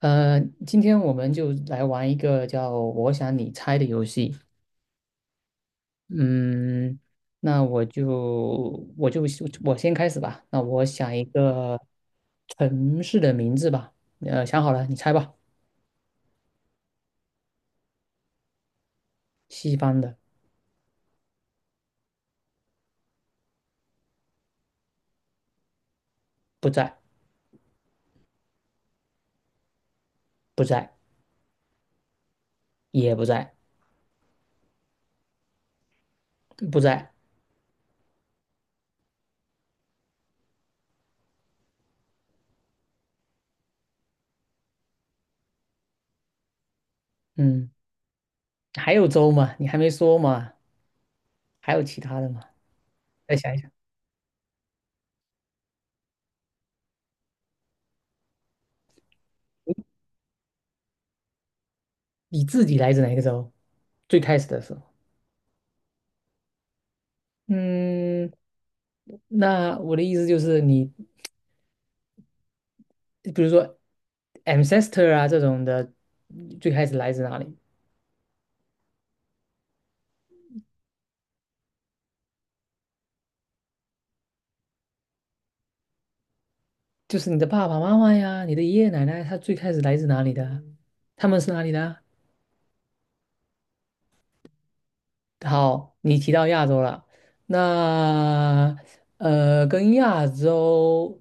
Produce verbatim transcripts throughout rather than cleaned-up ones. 呃，今天我们就来玩一个叫“我想你猜”的游戏。嗯，那我就我就我先开始吧。那我想一个城市的名字吧。呃，想好了，你猜吧。西方的，不在，不在，也不在，不在。嗯，还有州吗？你还没说嘛？还有其他的吗？再想一想，你自己来自哪个州？最开始的时候，嗯，那我的意思就是你。比如说 ancestor 啊这种的，最开始来自哪里？就是你的爸爸妈妈呀，你的爷爷奶奶，他最开始来自哪里的啊，他们是哪里的啊？好，你提到亚洲了，那呃，跟亚洲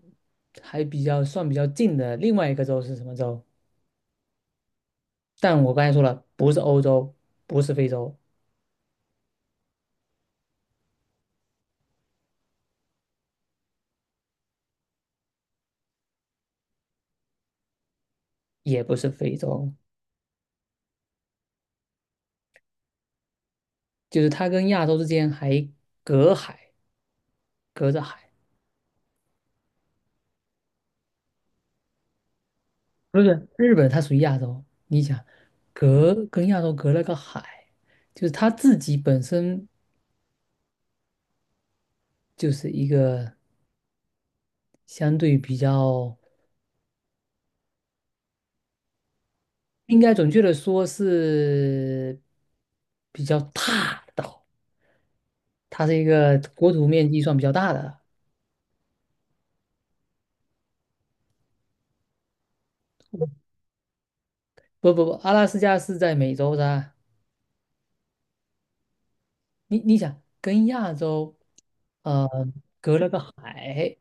还比较算比较近的另外一个洲是什么洲？但我刚才说了，不是欧洲，不是非洲，也不是非洲，就是它跟亚洲之间还隔海，隔着海。不是日本，它属于亚洲。你想，隔跟亚洲隔了个海，就是它自己本身就是一个相对比较，应该准确的说是比较大的岛，它是一个国土面积算比较大的。不不不，阿拉斯加是在美洲的啊。你你想，跟亚洲呃隔了个海，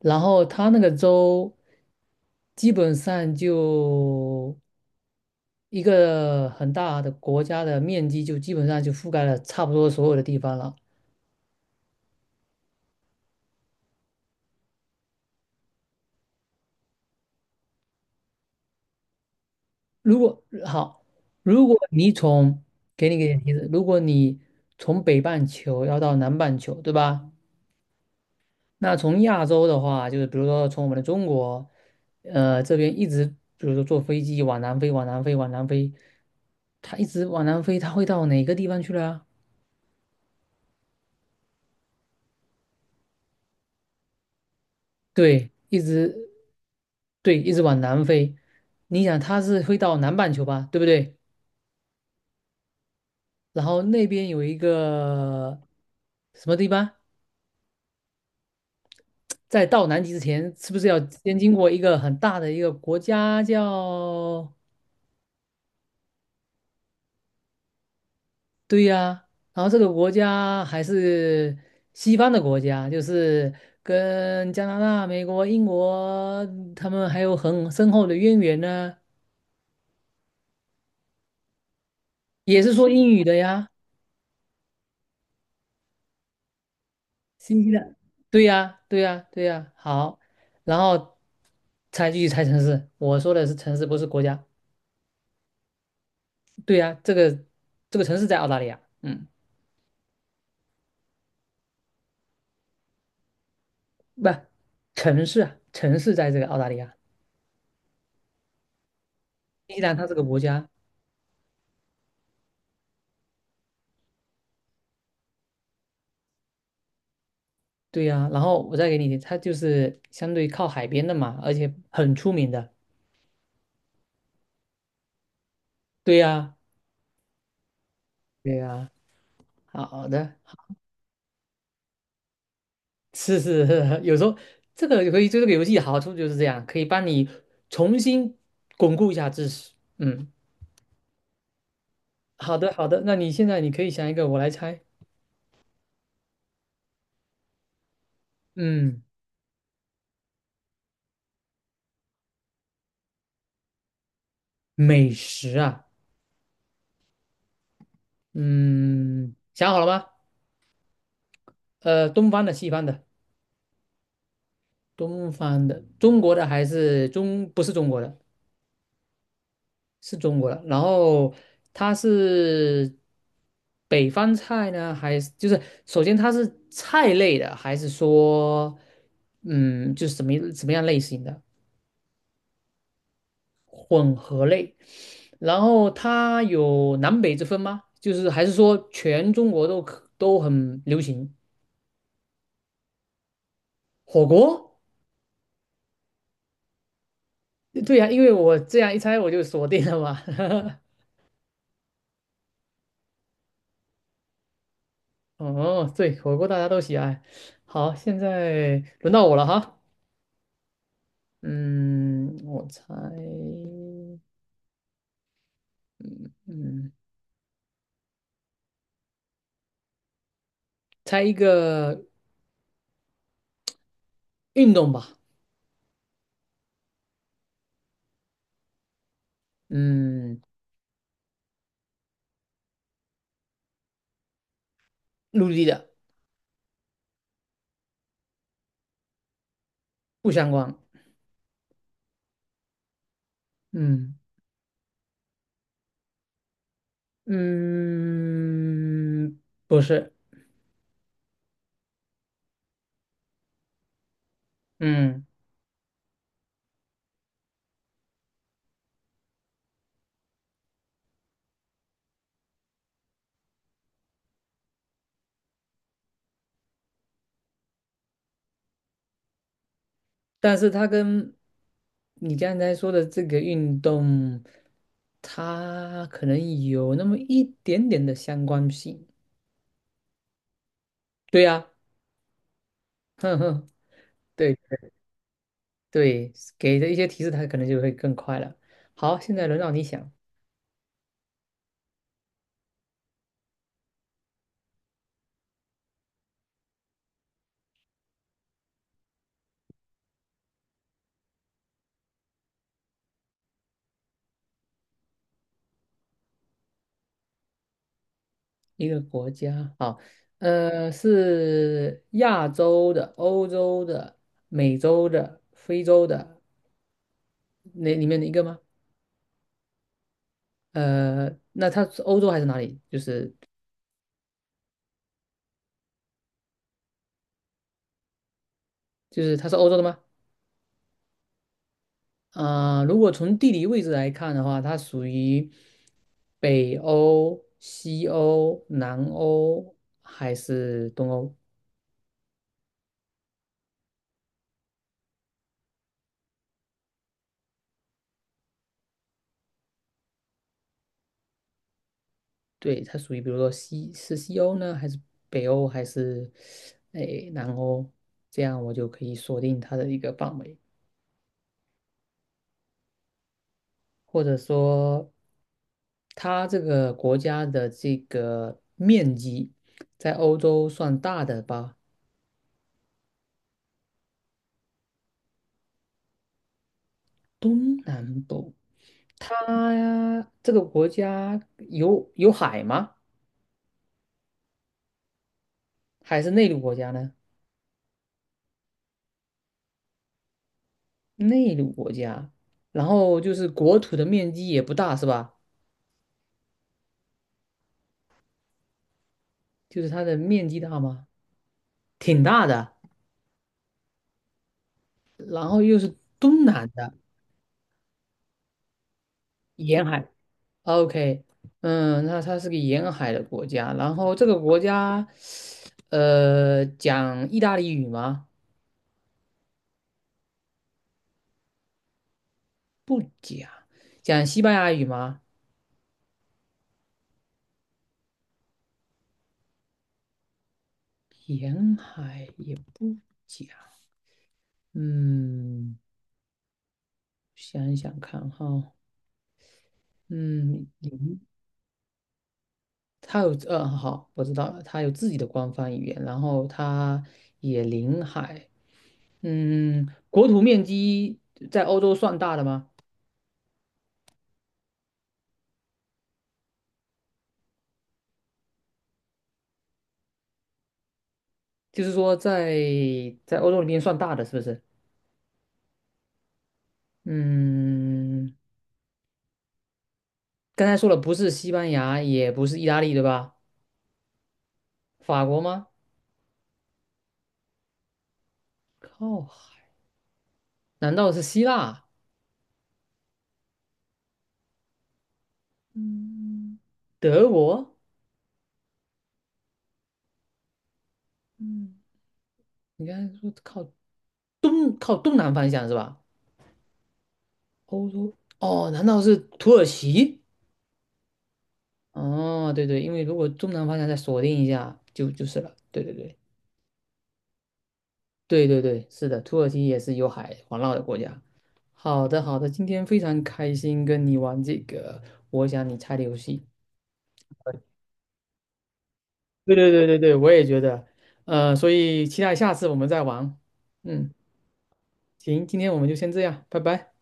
然后它那个州基本上就。一个很大的国家的面积就基本上就覆盖了差不多所有的地方了。如果好，如果你从给你个点提示，如果你从北半球要到南半球，对吧？那从亚洲的话，就是比如说从我们的中国，呃，这边一直，比如说坐飞机往南飞，往南飞，往南飞，它一直往南飞，它会到哪个地方去了啊？对，一直对，一直往南飞。你想它是会到南半球吧，对不对？然后那边有一个什么地方，在到南极之前，是不是要先经过一个很大的一个国家叫？对呀，然后这个国家还是西方的国家，就是跟加拿大、美国、英国他们还有很深厚的渊源呢，也是说英语的呀。新西兰，对呀，对呀，对呀，好，然后才继续猜城市。我说的是城市，不是国家。对呀，这个这个城市在澳大利亚，嗯，不，城市啊，城市在这个澳大利亚，新西兰它是个国家，对呀。然后我再给你，它就是相对靠海边的嘛，而且很出名的，对呀，对呀。好的，是是，有时候这个可以，对这个游戏好处就是这样，可以帮你重新巩固一下知识。嗯，好的好的，那你现在你可以想一个，我来猜。嗯，美食啊，嗯，想好了吗？呃，东方的、西方的、东方的、中国的还是中，不是中国的，是中国的。然后它是北方菜呢，还是就是首先它是菜类的，还是说嗯，就是什么什么样类型的混合类？然后它有南北之分吗？就是还是说全中国都可都很流行火锅？对呀、因为我这样一猜我就锁定了嘛。哦，对，火锅大家都喜爱。好，现在轮到我了哈。嗯，我猜，嗯，猜一个运动吧。嗯，陆地的，不相关。嗯嗯，不是。嗯，但是它跟你刚才说的这个运动，它可能有那么一点点的相关性。对呀、哼哼。对。对，给的一些提示，它可能就会更快了。好，现在轮到你想一个国家，好，呃，是亚洲的、欧洲的、美洲的、非洲的那里面的一个吗？呃，那它是欧洲还是哪里？就是就是它是欧洲的吗？啊、如果从地理位置来看的话，它属于北欧、西欧、南欧还是东欧？对，它属于比如说西是西欧呢，还是北欧，还是诶南欧？这样我就可以锁定它的一个范围，或者说它这个国家的这个面积在欧洲算大的吧？东南部，它这个国家有有海吗？还是内陆国家呢？内陆国家，然后就是国土的面积也不大是吧？就是它的面积大吗？挺大的。然后又是东南的沿海，O K，嗯，那它是个沿海的国家，然后这个国家，呃，讲意大利语吗？不讲，讲西班牙语吗？沿海也不讲，嗯，想一想看哈，嗯，嗯它有，呃，好，我知道了，它有自己的官方语言，然后它也临海，嗯，国土面积在欧洲算大的吗？就是说在在欧洲里面算大的，是不是？嗯，刚才说了，不是西班牙，也不是意大利，对吧？法国吗？靠海，难道是希腊？嗯德国？嗯，你刚才说靠东靠东南方向是吧？欧洲哦，难道是土耳其？哦，对对，因为如果东南方向再锁定一下，就就是了。对对对。对对对，是的，土耳其也是有海环绕的国家。好的好的，今天非常开心跟你玩这个我想你猜的游戏。对对对对对，我也觉得，呃，所以期待下次我们再玩。嗯，行，今天我们就先这样，拜拜。